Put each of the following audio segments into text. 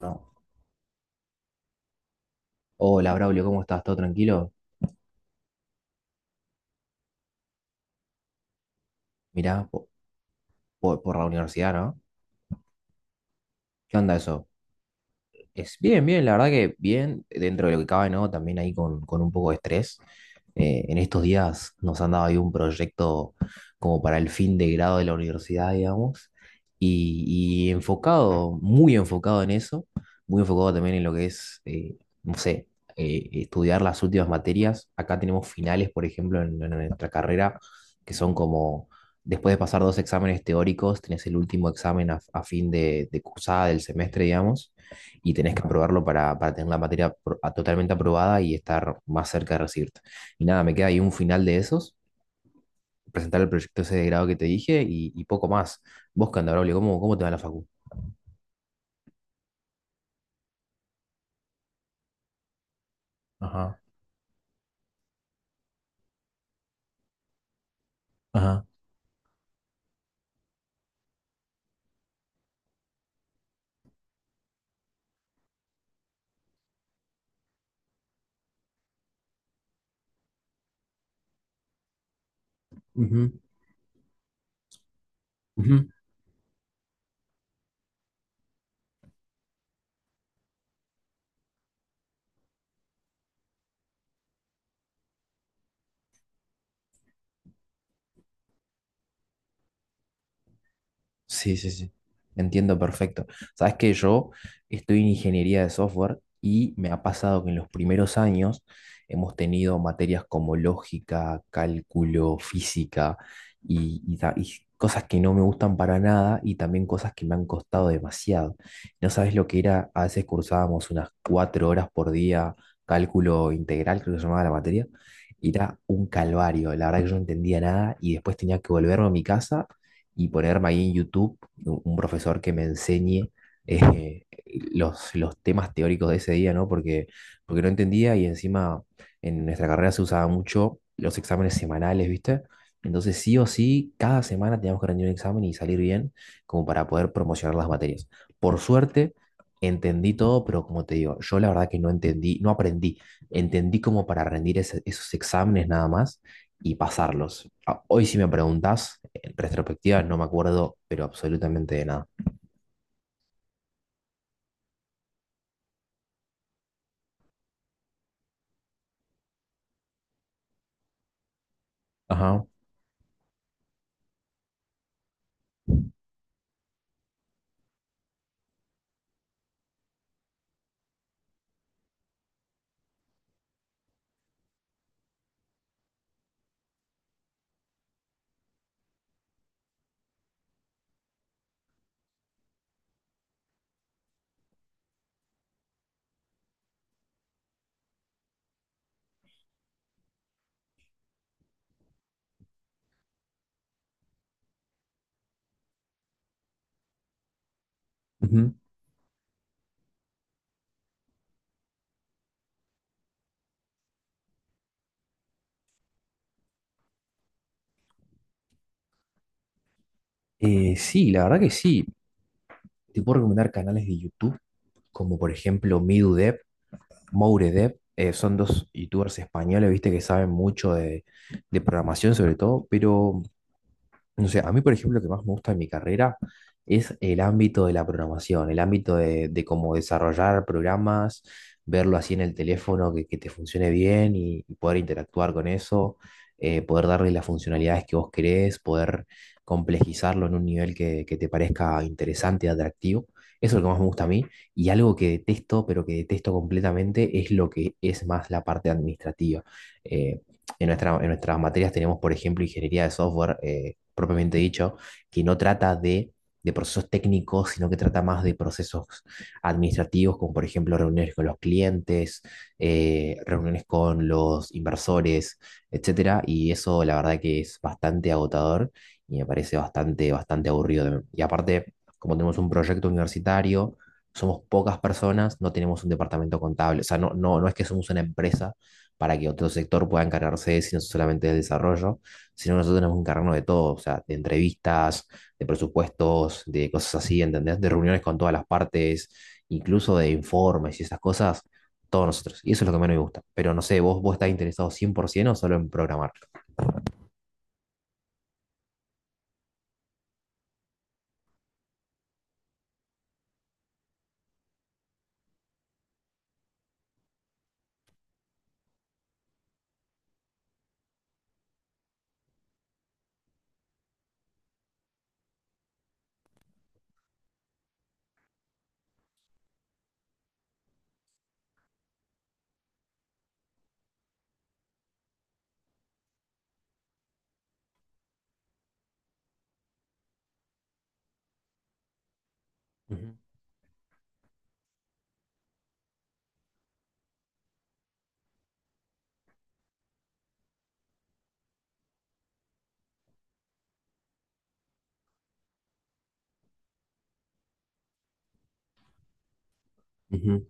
No. Hola, Braulio, ¿cómo estás? ¿Todo tranquilo? Mirá, por la universidad, ¿no? ¿Qué onda eso? Es bien, bien, la verdad que bien, dentro de lo que cabe, ¿no? También ahí con un poco de estrés. En estos días nos han dado ahí un proyecto como para el fin de grado de la universidad, digamos, y, y enfocado, muy enfocado en eso, muy enfocado también en lo que es, no sé, estudiar las últimas materias. Acá tenemos finales, por ejemplo, en nuestra carrera, que son como, después de pasar dos exámenes teóricos, tenés el último examen a fin de cursada del semestre, digamos, y tenés que aprobarlo para tener la materia totalmente aprobada y estar más cerca de recibirte. Y nada, me queda ahí un final de esos, presentar el proyecto ese de grado que te dije y poco más. Vos, Candabrolio, ¿cómo, cómo te va la facu? Ajá, ajá. Ujú, ujú. Sí, sí, sí. Entiendo perfecto. Sabes que yo estoy en ingeniería de software y me ha pasado que en los primeros años hemos tenido materias como lógica, cálculo, física y cosas que no me gustan para nada y también cosas que me han costado demasiado. No sabes lo que era, a veces cursábamos unas cuatro horas por día cálculo integral, creo que se llamaba la materia. Era un calvario, la verdad que yo no entendía nada y después tenía que volverme a mi casa y ponerme ahí en YouTube un profesor que me enseñe eh, los temas teóricos de ese día, ¿no? Porque, porque no entendía y encima en nuestra carrera se usaba mucho los exámenes semanales, ¿viste? Entonces sí o sí, cada semana teníamos que rendir un examen y salir bien como para poder promocionar las materias. Por suerte, entendí todo, pero como te digo, yo la verdad que no entendí, no aprendí, entendí como para rendir esos exámenes nada más y pasarlos. Ah, hoy si me preguntas, en retrospectiva no me acuerdo, pero absolutamente de nada. Ajá. Ujú. Sí, la verdad que sí. Te puedo recomendar canales de YouTube, como por ejemplo Midudev, Mouredep. Son dos youtubers españoles, viste, que saben mucho de programación sobre todo, pero no sé, a mí, por ejemplo, lo que más me gusta de mi carrera es el ámbito de la programación, el ámbito de cómo desarrollar programas, verlo así en el teléfono que te funcione bien y poder interactuar con eso, poder darle las funcionalidades que vos querés, poder complejizarlo en un nivel que te parezca interesante y atractivo. Eso es lo que más me gusta a mí. Y algo que detesto, pero que detesto completamente, es lo que es más la parte administrativa. Eh, nuestra, en nuestras materias tenemos, por ejemplo, ingeniería de software, propiamente dicho, que no trata de procesos técnicos, sino que trata más de procesos administrativos, como por ejemplo reuniones con los clientes, reuniones con los inversores, etcétera. Y eso la verdad que es bastante agotador y me parece bastante, bastante aburrido. Y aparte, como tenemos un proyecto universitario, somos pocas personas, no tenemos un departamento contable. O sea, no es que somos una empresa para que otro sector pueda encargarse, sino solamente del desarrollo, sino nosotros tenemos que encargarnos de todo, o sea, de entrevistas, de presupuestos, de cosas así, ¿entendés? De reuniones con todas las partes, incluso de informes y esas cosas, todos nosotros. Y eso es lo que menos me gusta. Pero no sé, ¿vos estás interesado 100% o solo en programar? Ujú. Ujú.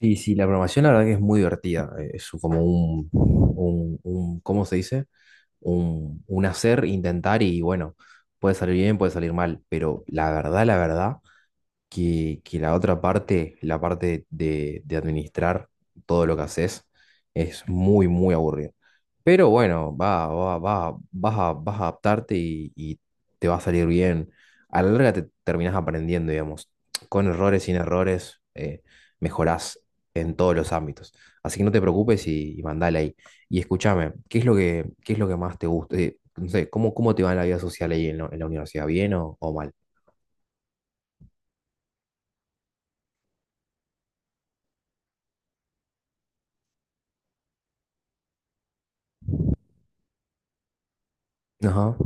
Sí, sí, la programación la verdad que es muy divertida. Es como ¿cómo se dice? Un hacer, intentar y bueno, puede salir bien, puede salir mal, pero la verdad que la otra parte, la parte de administrar todo lo que haces, es muy, muy aburrido. Pero bueno, vas a adaptarte y te va a salir bien. A la larga te terminás aprendiendo, digamos. Con errores, sin errores, mejorás en todos los ámbitos. Así que no te preocupes y mandale ahí. Y escúchame, ¿qué es lo que, qué es lo que más te gusta? No sé, ¿cómo, cómo te va en la vida social ahí en la universidad? ¿Bien o mal? Ajá.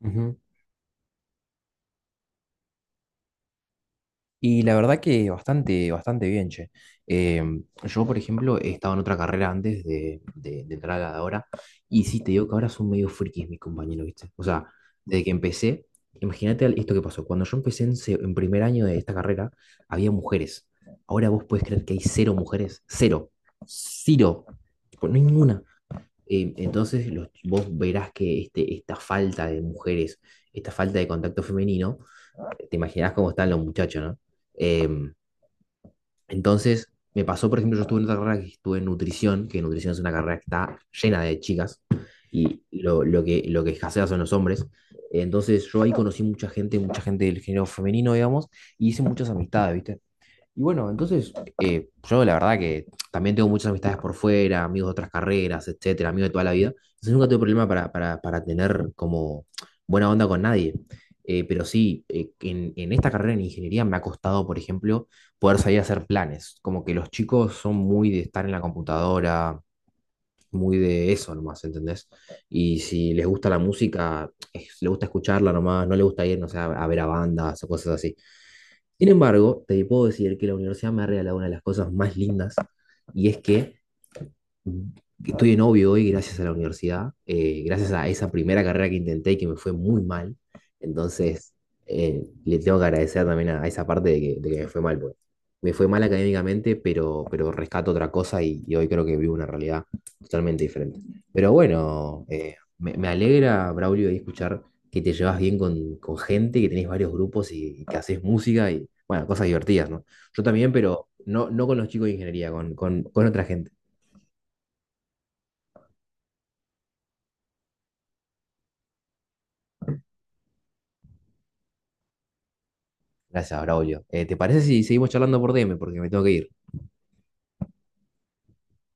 Ujú. Y la verdad que bastante, bastante bien, che. Eh, yo, por ejemplo, he estado en otra carrera antes de entrar a la de ahora, y sí te digo que ahora son medio frikis mis compañeros, ¿viste? O sea, desde que empecé, imagínate esto que pasó. Cuando yo empecé en primer año de esta carrera, había mujeres. Ahora vos podés creer que hay cero mujeres. Cero. Cero. Tipo, no hay ninguna. Entonces, vos verás que este, esta falta de mujeres, esta falta de contacto femenino, te imaginas cómo están los muchachos, ¿no? Em, entonces, me pasó, por ejemplo, yo estuve en otra carrera que estuve en nutrición, que nutrición es una carrera que está llena de chicas y lo que escasea son los hombres. Entonces, yo ahí conocí mucha gente del género femenino, digamos, y hice muchas amistades, ¿viste? Y bueno, entonces yo la verdad que también tengo muchas amistades por fuera, amigos de otras carreras, etcétera, amigos de toda la vida. Entonces nunca tuve problema para tener como buena onda con nadie. Pero sí, en esta carrera en ingeniería me ha costado, por ejemplo, poder salir a hacer planes. Como que los chicos son muy de estar en la computadora, muy de eso nomás, ¿entendés? Y si les gusta la música, les gusta escucharla nomás, no les gusta ir, no sé, a ver a bandas o cosas así. Sin embargo, te puedo decir que la universidad me ha regalado una de las cosas más lindas y es que estoy en novio hoy gracias a la universidad, gracias a esa primera carrera que intenté y que me fue muy mal. Entonces, le tengo que agradecer también a esa parte de que me fue mal, porque me fue mal académicamente, pero rescato otra cosa y hoy creo que vivo una realidad totalmente diferente. Pero bueno, me alegra, Braulio, ahí escuchar que te llevas bien con gente, que tenés varios grupos y que haces música y, bueno, cosas divertidas, ¿no? Yo también, pero no, no con los chicos de ingeniería, con otra gente. Gracias, Braulio. ¿Te parece si seguimos charlando por DM? Porque me tengo que ir.